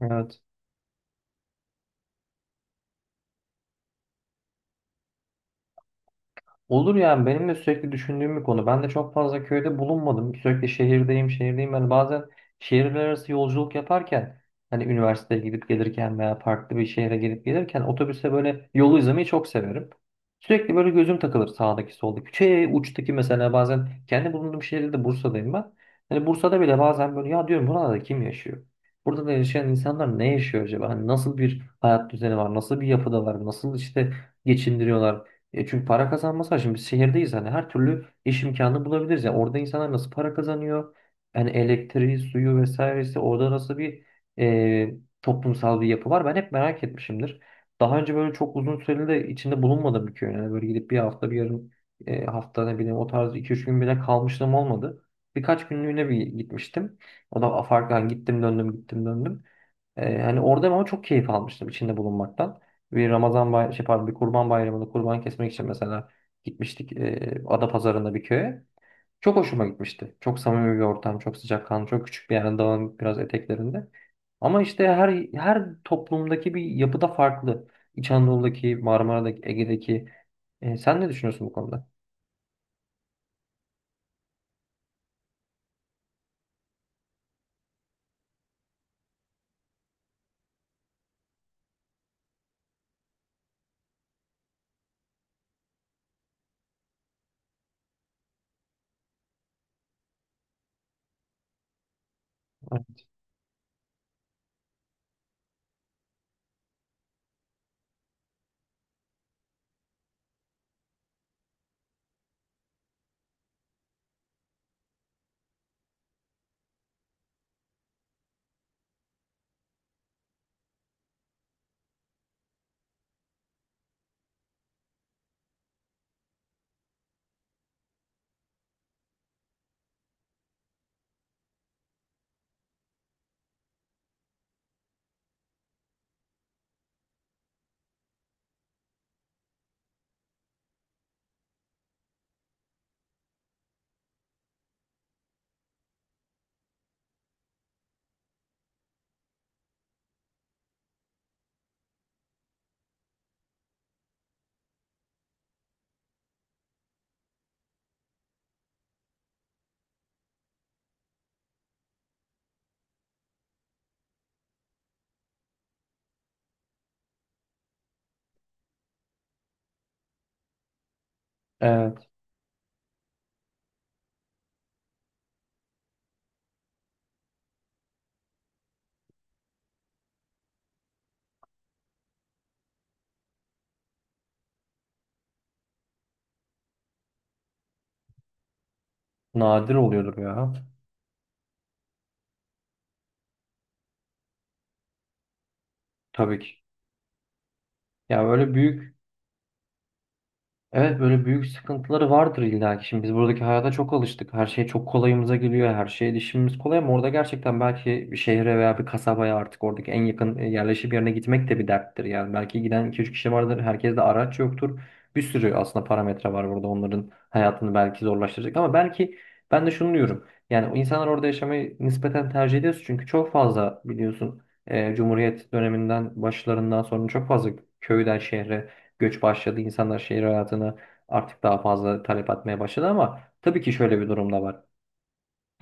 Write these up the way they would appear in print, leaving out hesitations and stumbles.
Evet. Olur yani benim de sürekli düşündüğüm bir konu. Ben de çok fazla köyde bulunmadım. Sürekli şehirdeyim, şehirdeyim. Yani bazen şehirler arası yolculuk yaparken hani üniversiteye gidip gelirken veya farklı bir şehre gidip gelirken otobüste böyle yolu izlemeyi çok severim. Sürekli böyle gözüm takılır sağdaki soldaki. Şey uçtaki mesela bazen kendi bulunduğum şehirde de Bursa'dayım ben. Hani Bursa'da bile bazen böyle ya diyorum burada kim yaşıyor? Burada da yaşayan insanlar ne yaşıyor acaba? Hani nasıl bir hayat düzeni var? Nasıl bir yapıdalar? Nasıl işte geçindiriyorlar? E çünkü para kazanması var. Şimdi biz şehirdeyiz hani her türlü iş imkanı bulabiliriz. Yani orada insanlar nasıl para kazanıyor? Yani elektriği, suyu vesairesi orada nasıl bir e, toplumsal bir yapı var? Ben hep merak etmişimdir. Daha önce böyle çok uzun süreli de içinde bulunmadım bir köy. Yani böyle gidip bir hafta bir yarım hafta ne bileyim o tarz iki üç gün bile kalmışlığım olmadı. Birkaç günlüğüne bir gitmiştim. O da farklı hani gittim döndüm gittim döndüm. Hani orada ama çok keyif almıştım içinde bulunmaktan. Bir Ramazan bay şey pardon, bir Kurban Bayramı'nda kurban kesmek için mesela gitmiştik Adapazarı'nda bir köye. Çok hoşuma gitmişti. Çok samimi bir ortam, çok sıcakkanlı, çok küçük bir yer, dağın biraz eteklerinde. Ama işte her toplumdaki bir yapıda farklı. İç Anadolu'daki, Marmara'daki, Ege'deki. Sen ne düşünüyorsun bu konuda? Evet, nadir oluyordur ya. Tabii ki. Ya böyle büyük. Evet, böyle büyük sıkıntıları vardır illa ki. Şimdi biz buradaki hayata çok alıştık. Her şey çok kolayımıza geliyor. Her şeye erişimimiz kolay ama orada gerçekten belki bir şehre veya bir kasabaya artık oradaki en yakın yerleşim yerine gitmek de bir derttir. Yani belki giden 2-3 kişi vardır. Herkes de araç yoktur. Bir sürü aslında parametre var burada onların hayatını belki zorlaştıracak ama belki ben de şunu diyorum. Yani o insanlar orada yaşamayı nispeten tercih ediyoruz çünkü çok fazla biliyorsun Cumhuriyet döneminden başlarından sonra çok fazla köyden şehre göç başladı. İnsanlar şehir hayatını artık daha fazla talep etmeye başladı ama tabii ki şöyle bir durum da var.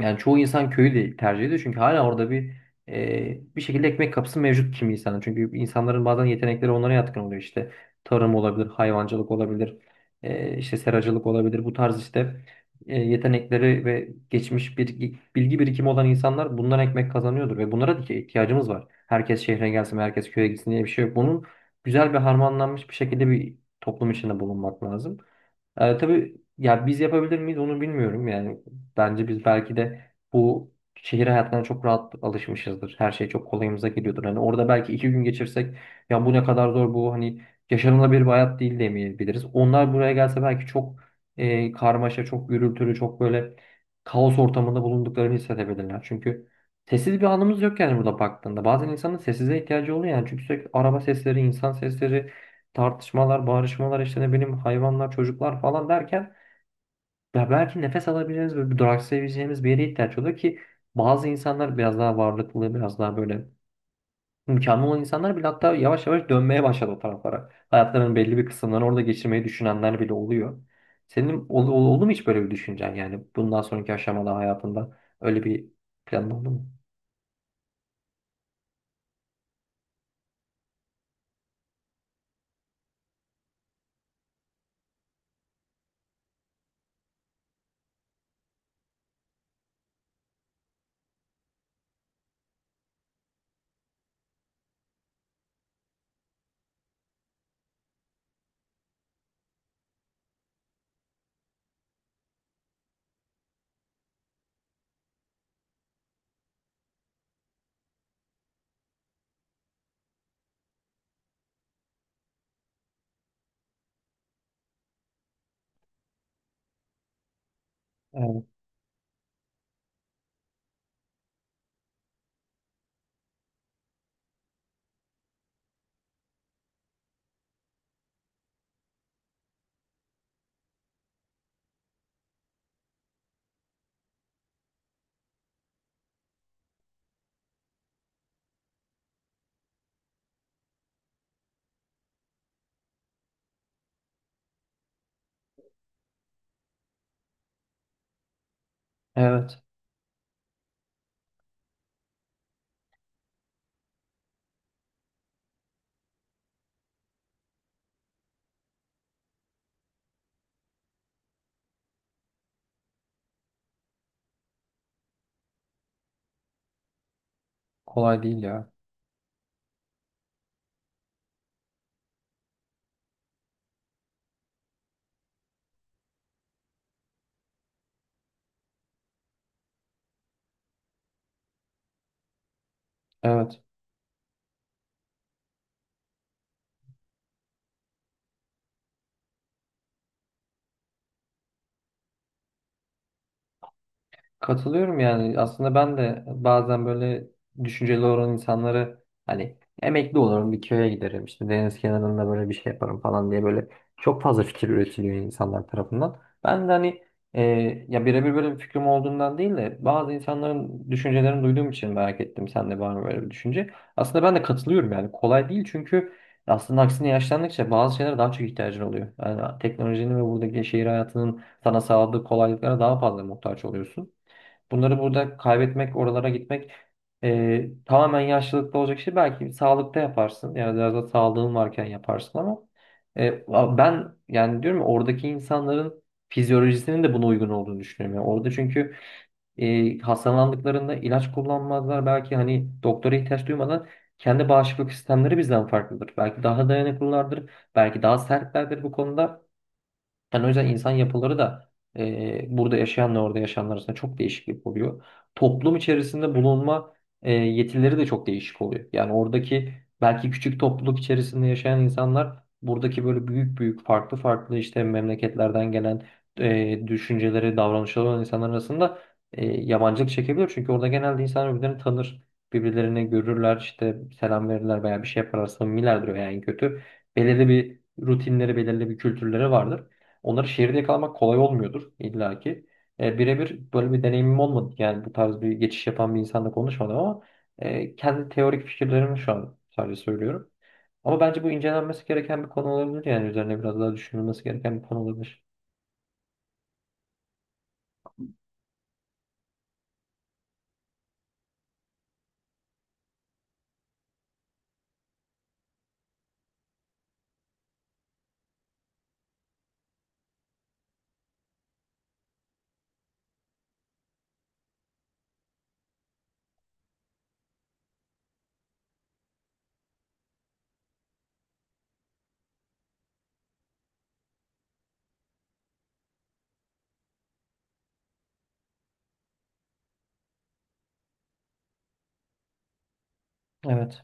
Yani çoğu insan köyü de tercih ediyor çünkü hala orada bir bir şekilde ekmek kapısı mevcut kimi insanın. Çünkü insanların bazen yetenekleri onlara yatkın oluyor işte. Tarım olabilir, hayvancılık olabilir, işte seracılık olabilir. Bu tarz işte yetenekleri ve geçmiş bir bilgi birikimi olan insanlar bundan ekmek kazanıyordur ve bunlara da ki ihtiyacımız var. Herkes şehre gelsin, herkes köye gitsin diye bir şey yok. Bunun güzel bir harmanlanmış bir şekilde bir toplum içinde bulunmak lazım. Tabii ya biz yapabilir miyiz onu bilmiyorum yani bence biz belki de bu şehir hayatına çok rahat alışmışızdır. Her şey çok kolayımıza geliyordur. Hani orada belki iki gün geçirsek ya bu ne kadar zor bu hani yaşanılabilir bir hayat değil demeyebiliriz. Onlar buraya gelse belki çok karmaşa, çok gürültülü, çok böyle kaos ortamında bulunduklarını hissedebilirler. Çünkü sessiz bir anımız yok yani burada baktığında. Bazen insanın sessize ihtiyacı oluyor yani çünkü sürekli araba sesleri, insan sesleri, tartışmalar, bağırışmalar işte ne bileyim hayvanlar, çocuklar falan derken ya belki nefes alabileceğimiz ve bir duraksayabileceğimiz bir yere ihtiyaç oluyor ki bazı insanlar biraz daha varlıklı, biraz daha böyle imkanı olan insanlar bile hatta yavaş yavaş dönmeye başladı o taraflara. Hayatlarının belli bir kısımlarını orada geçirmeyi düşünenler bile oluyor. Senin oldu mu hiç böyle bir düşüncen yani bundan sonraki aşamada hayatında öyle bir planın oldu mu? Evet. Evet. Kolay değil ya. Evet. Katılıyorum yani aslında ben de bazen böyle düşünceli olan insanları hani emekli olurum bir köye giderim işte deniz kenarında böyle bir şey yaparım falan diye böyle çok fazla fikir üretiliyor insanlar tarafından. Ben de hani e, ya birebir böyle bir fikrim olduğundan değil de bazı insanların düşüncelerini duyduğum için merak ettim sen de var mı böyle bir düşünce. Aslında ben de katılıyorum yani kolay değil çünkü aslında aksine yaşlandıkça bazı şeylere daha çok ihtiyacın oluyor. Yani teknolojinin ve buradaki şehir hayatının sana sağladığı kolaylıklara daha fazla muhtaç oluyorsun. Bunları burada kaybetmek, oralara gitmek tamamen yaşlılıkta olacak şey. Belki sağlıkta yaparsın. Yani biraz da sağlığın varken yaparsın ama e, ben yani diyorum ya, oradaki insanların fizyolojisinin de buna uygun olduğunu düşünüyorum. Yani orada çünkü hastalandıklarında ilaç kullanmazlar. Belki hani doktora ihtiyaç duymadan kendi bağışıklık sistemleri bizden farklıdır. Belki daha dayanıklılardır. Belki daha sertlerdir bu konuda. Yani o yüzden insan yapıları da burada yaşayanla orada yaşayanlar arasında çok değişiklik oluyor. Toplum içerisinde bulunma yetileri de çok değişik oluyor. Yani oradaki belki küçük topluluk içerisinde yaşayan insanlar buradaki böyle büyük büyük farklı farklı işte memleketlerden gelen düşünceleri, davranışları olan insanlar arasında yabancılık çekebilir. Çünkü orada genelde insanlar birbirlerini tanır. Birbirlerini görürler, işte selam verirler veya bir şey yaparlar, samimilerdir veya en kötü. Belirli bir rutinleri, belirli bir kültürleri vardır. Onları şehirde yakalamak kolay olmuyordur illaki. Birebir böyle bir deneyimim olmadı. Yani bu tarz bir geçiş yapan bir insanla konuşmadım ama kendi teorik fikirlerimi şu an sadece söylüyorum. Ama bence bu incelenmesi gereken bir konu olabilir. Yani üzerine biraz daha düşünülmesi gereken bir konu olabilir. Evet.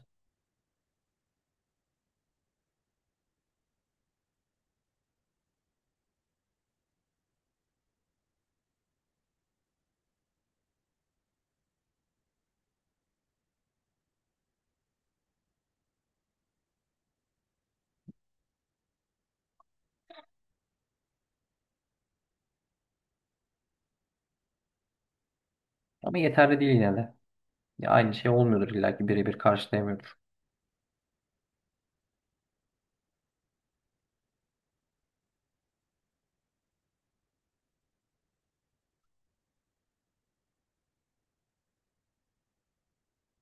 Ama yeterli değil yine de. Ya aynı şey olmuyordur illaki birebir karşılayamıyordur.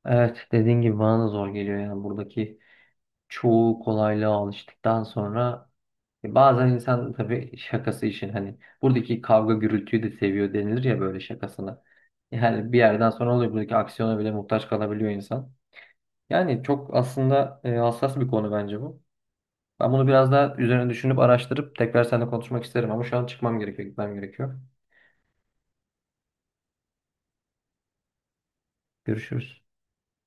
Evet, dediğin gibi bana da zor geliyor yani buradaki çoğu kolaylığa alıştıktan sonra. Bazen insan tabii şakası için hani buradaki kavga gürültüyü de seviyor denilir ya böyle şakasına. Yani bir yerden sonra oluyor buradaki aksiyona bile muhtaç kalabiliyor insan. Yani çok aslında hassas bir konu bence bu. Ben bunu biraz daha üzerine düşünüp araştırıp tekrar seninle konuşmak isterim ama şu an çıkmam gerekiyor, gitmem gerekiyor. Görüşürüz.